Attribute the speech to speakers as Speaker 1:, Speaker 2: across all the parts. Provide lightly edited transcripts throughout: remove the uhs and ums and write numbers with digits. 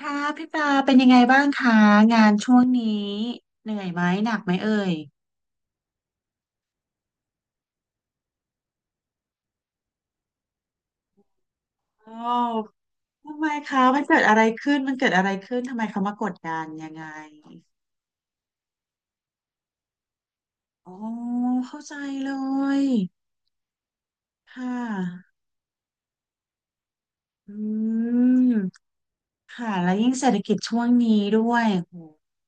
Speaker 1: ค่ะพี่ปลาเป็นยังไงบ้างคะงานช่วงนี้เหนื่อยไหมหนักไหมเอ่ยอ๋อทำไมคะมันเกิดอะไรขึ้นมันเกิดอะไรขึ้นทำไมเขามากดดันยังไงอ๋อเข้าใจเลยค่ะอืมค่ะแล้วยิ่งเศรษฐกิจช่วงนี้ด้วยโอ้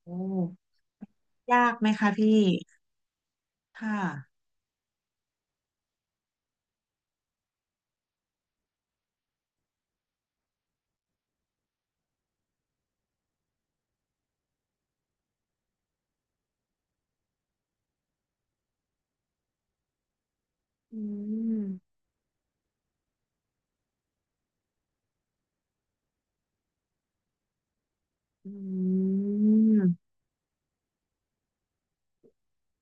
Speaker 1: โหยากไหมคะพี่ค่ะอืมอืม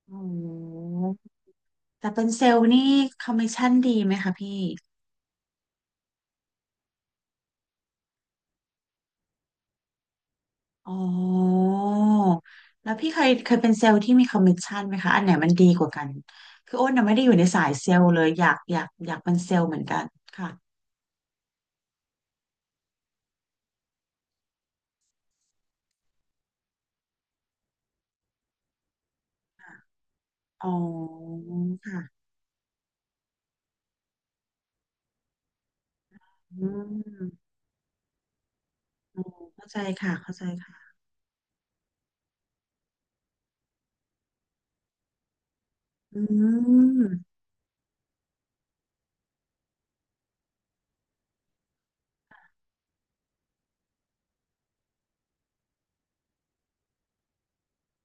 Speaker 1: โอ้โหแต่เป็นเซลล์นี่คอมมิชชั่นดีไหมคะพี่ อ๋อแล้วพี่เคยเคยเป็นเซลล์ที่มีคอมมิชชั่นไหมคะอันไหนมันดีกว่ากันคืออ้นน่ะไม่ได้อยู่ในสายเซลล์เลยอยากอยากอยากเป็นเซลล์เหมือนกันค่ะอ๋อค่ะอืมอืมเข้าใจค่ะเข้าใจค่ะอืม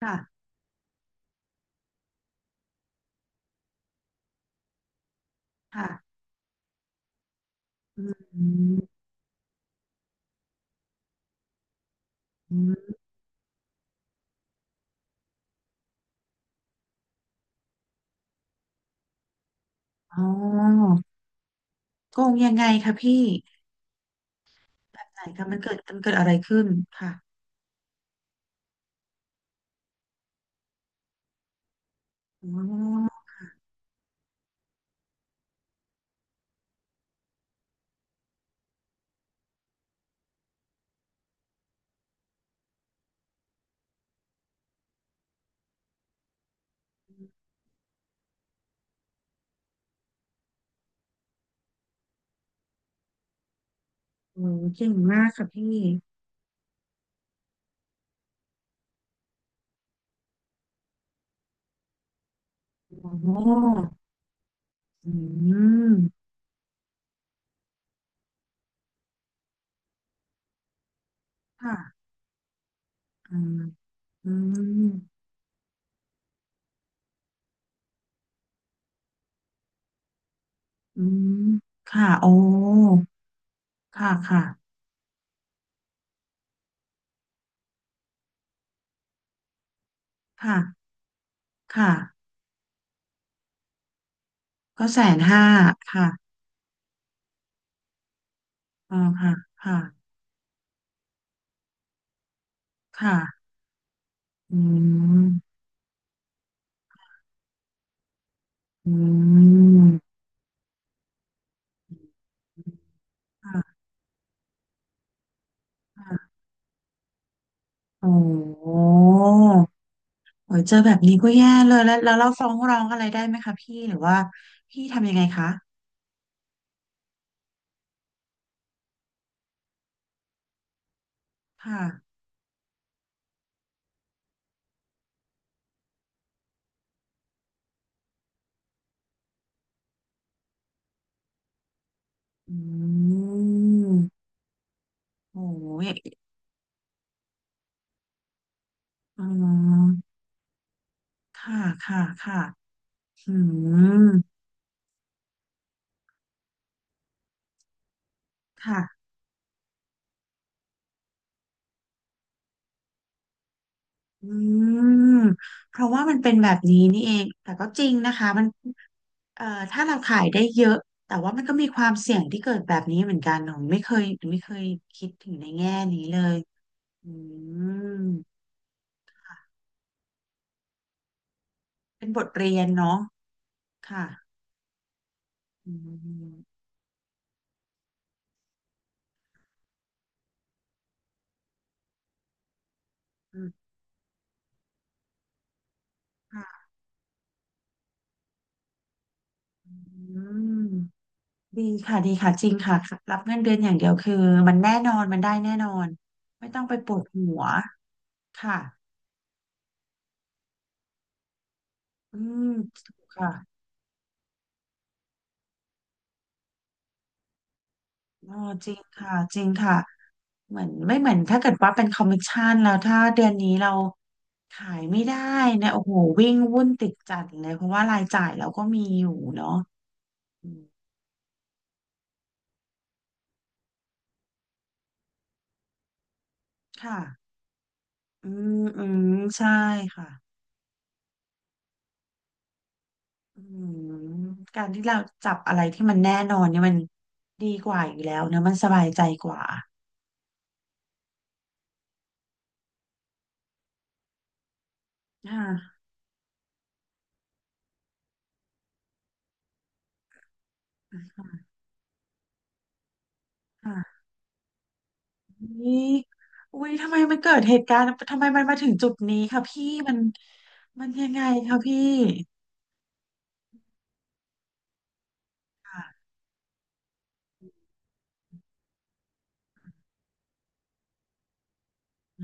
Speaker 1: ค่ะค่ะอืมอืมอ๋อโกงยังไงคะพี่ไหนคะมันเกิดมันเกิดอะไรขึ้นค่ะอ๋อโอ้เก่งมากค่ะพี่โอ้อืม ค่ะอืมอืมอืมค่ะโอ้ค่ะค่ะค่ะค่ะก็150,000ค่ะอ๋อค่ะค่ะค่ะอืมอืมค่ะค่ะโอ้โหโอ้ยเจอแบบนี้ก็แย่เลยแล้วแล้วเราฟ้องร้องอะไรได้ไหมคะพี่หรือว่าพี่ทำยังไงคะค่ะอืมโอ้ยอ๋อค่ะค่ะค่ะอืม ค่ะอืมเพราะว่ามันเป็นแบบนี้นี่เองแต่ก็จริงนะคะมันเอ่อถ้าเราขายได้เยอะแต่ว่ามันก็มีความเสี่ยงที่เกิดแบบนี้เหมือนกันหนูไม่เคยหนูไม่เคยคิดถึงในแง่นี้เลยอืมเป็นบทเรียนเนาะค่ะอืมอืมค่ะ อืม ดีค่ะ ดีค่ะ จริงค่ะ รับเงินเดือนอย่างเดียวคือมันแน่นอนมันได้แน่นอนไม่ต้องไปปวดหัว ค่ะอืมถูกค่ะ เออจริงค่ะจริงค่ะเหมือนไม่เหมือนถ้าเกิดว่าเป็นคอมมิชชั่นแล้วถ้าเดือนนี้เราขายไม่ได้เนี่ยโอ้โหวิ่งวุ่นติดจัดเลยเพราะว่ารายจ่ายเราก็มีอยู่เนาะอืมค่ะอืมอืมใช่ค่ะอืมการที่เราจับอะไรที่มันแน่นอนเนี่ยมันดีกว่าอยู่แล้วเนอะมันสบายใจกว่าค่ะค่ะนี่อุ้ยทำไมมันเกิดเหตุการณ์ทำไมมันมาถึงจุดนี้ค่ะพี่มันมันยังไงคะพี่ อื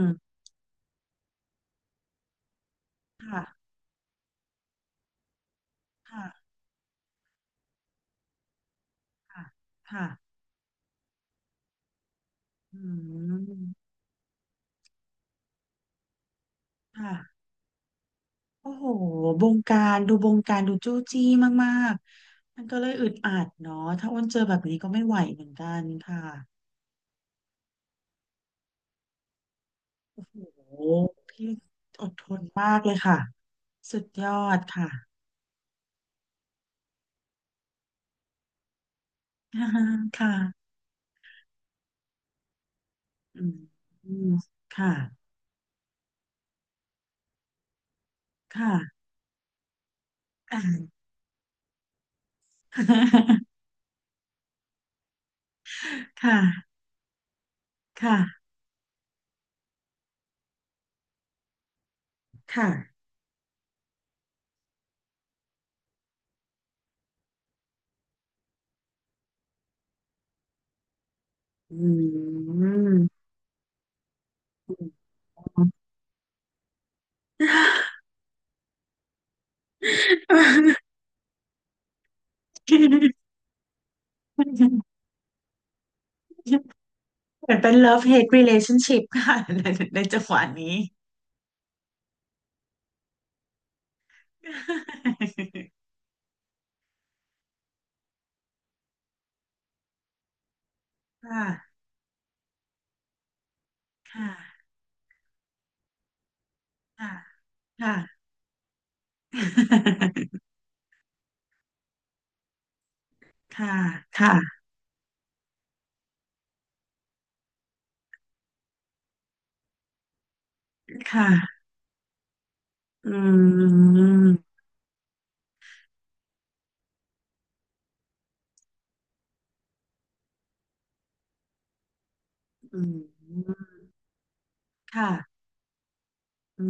Speaker 1: มค่ะค่ะค่ะค่ะอืมค่ะโอ้โหบงการดูบงการดูจู้จี้มากๆมันก็เลยอึดอัดเนาะถ้าอ้นเจอแบบนี้ก็ไม่ไหวเหมือนกันค่ะโอ้โหพี่อดทนมากเลยค่ะสุดยอดค่ะอ่าค่ะอืมอืมค่ะค่ะอ่า ค่ะค่ะค่ะอืม เหมือนเป็น love hate relationship ค่ะในในจังหวะนี้ ค่ะค่ะค่ะค่ะค่ะค่ะค่ะอืมอืมค่ะอื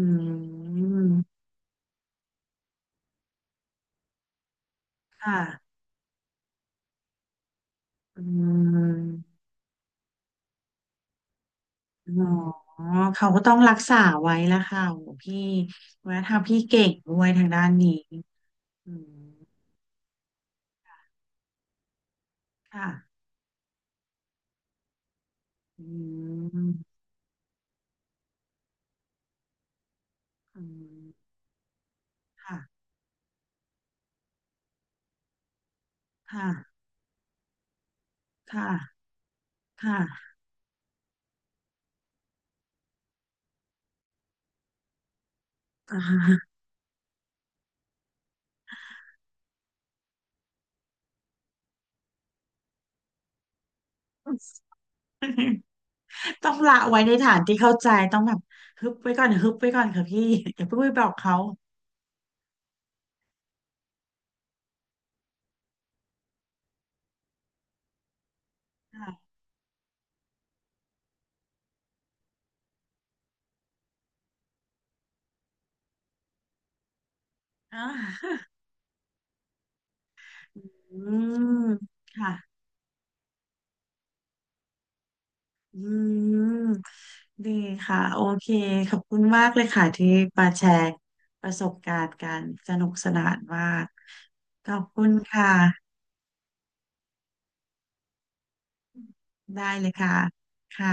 Speaker 1: มค่ะอืมอ๋อเขาก็ต้องรักษาไว้ละค่ะโอ้พี่วัฒนธรรมพี่เก่งด้วยทางด้านนี้อืมค่ะอืม อืมค่ะค่ะค่ะค่ะ อ่าฮะต้องละไว้ในฐานที่เข้าใจต้องแบบฮึบไว้ก่อนฮึบไว้ก่อนค่ะพี่ อย่าเพิ่งไปบอกเขาค่ะอ่าอืมค่ะอืมดีค่ะโอเคขอบคุณมากเลยค่ะที่มาแชร์ประสบการณ์กันสนุกสนานมากขอบคุณค่ะได้เลยค่ะค่ะ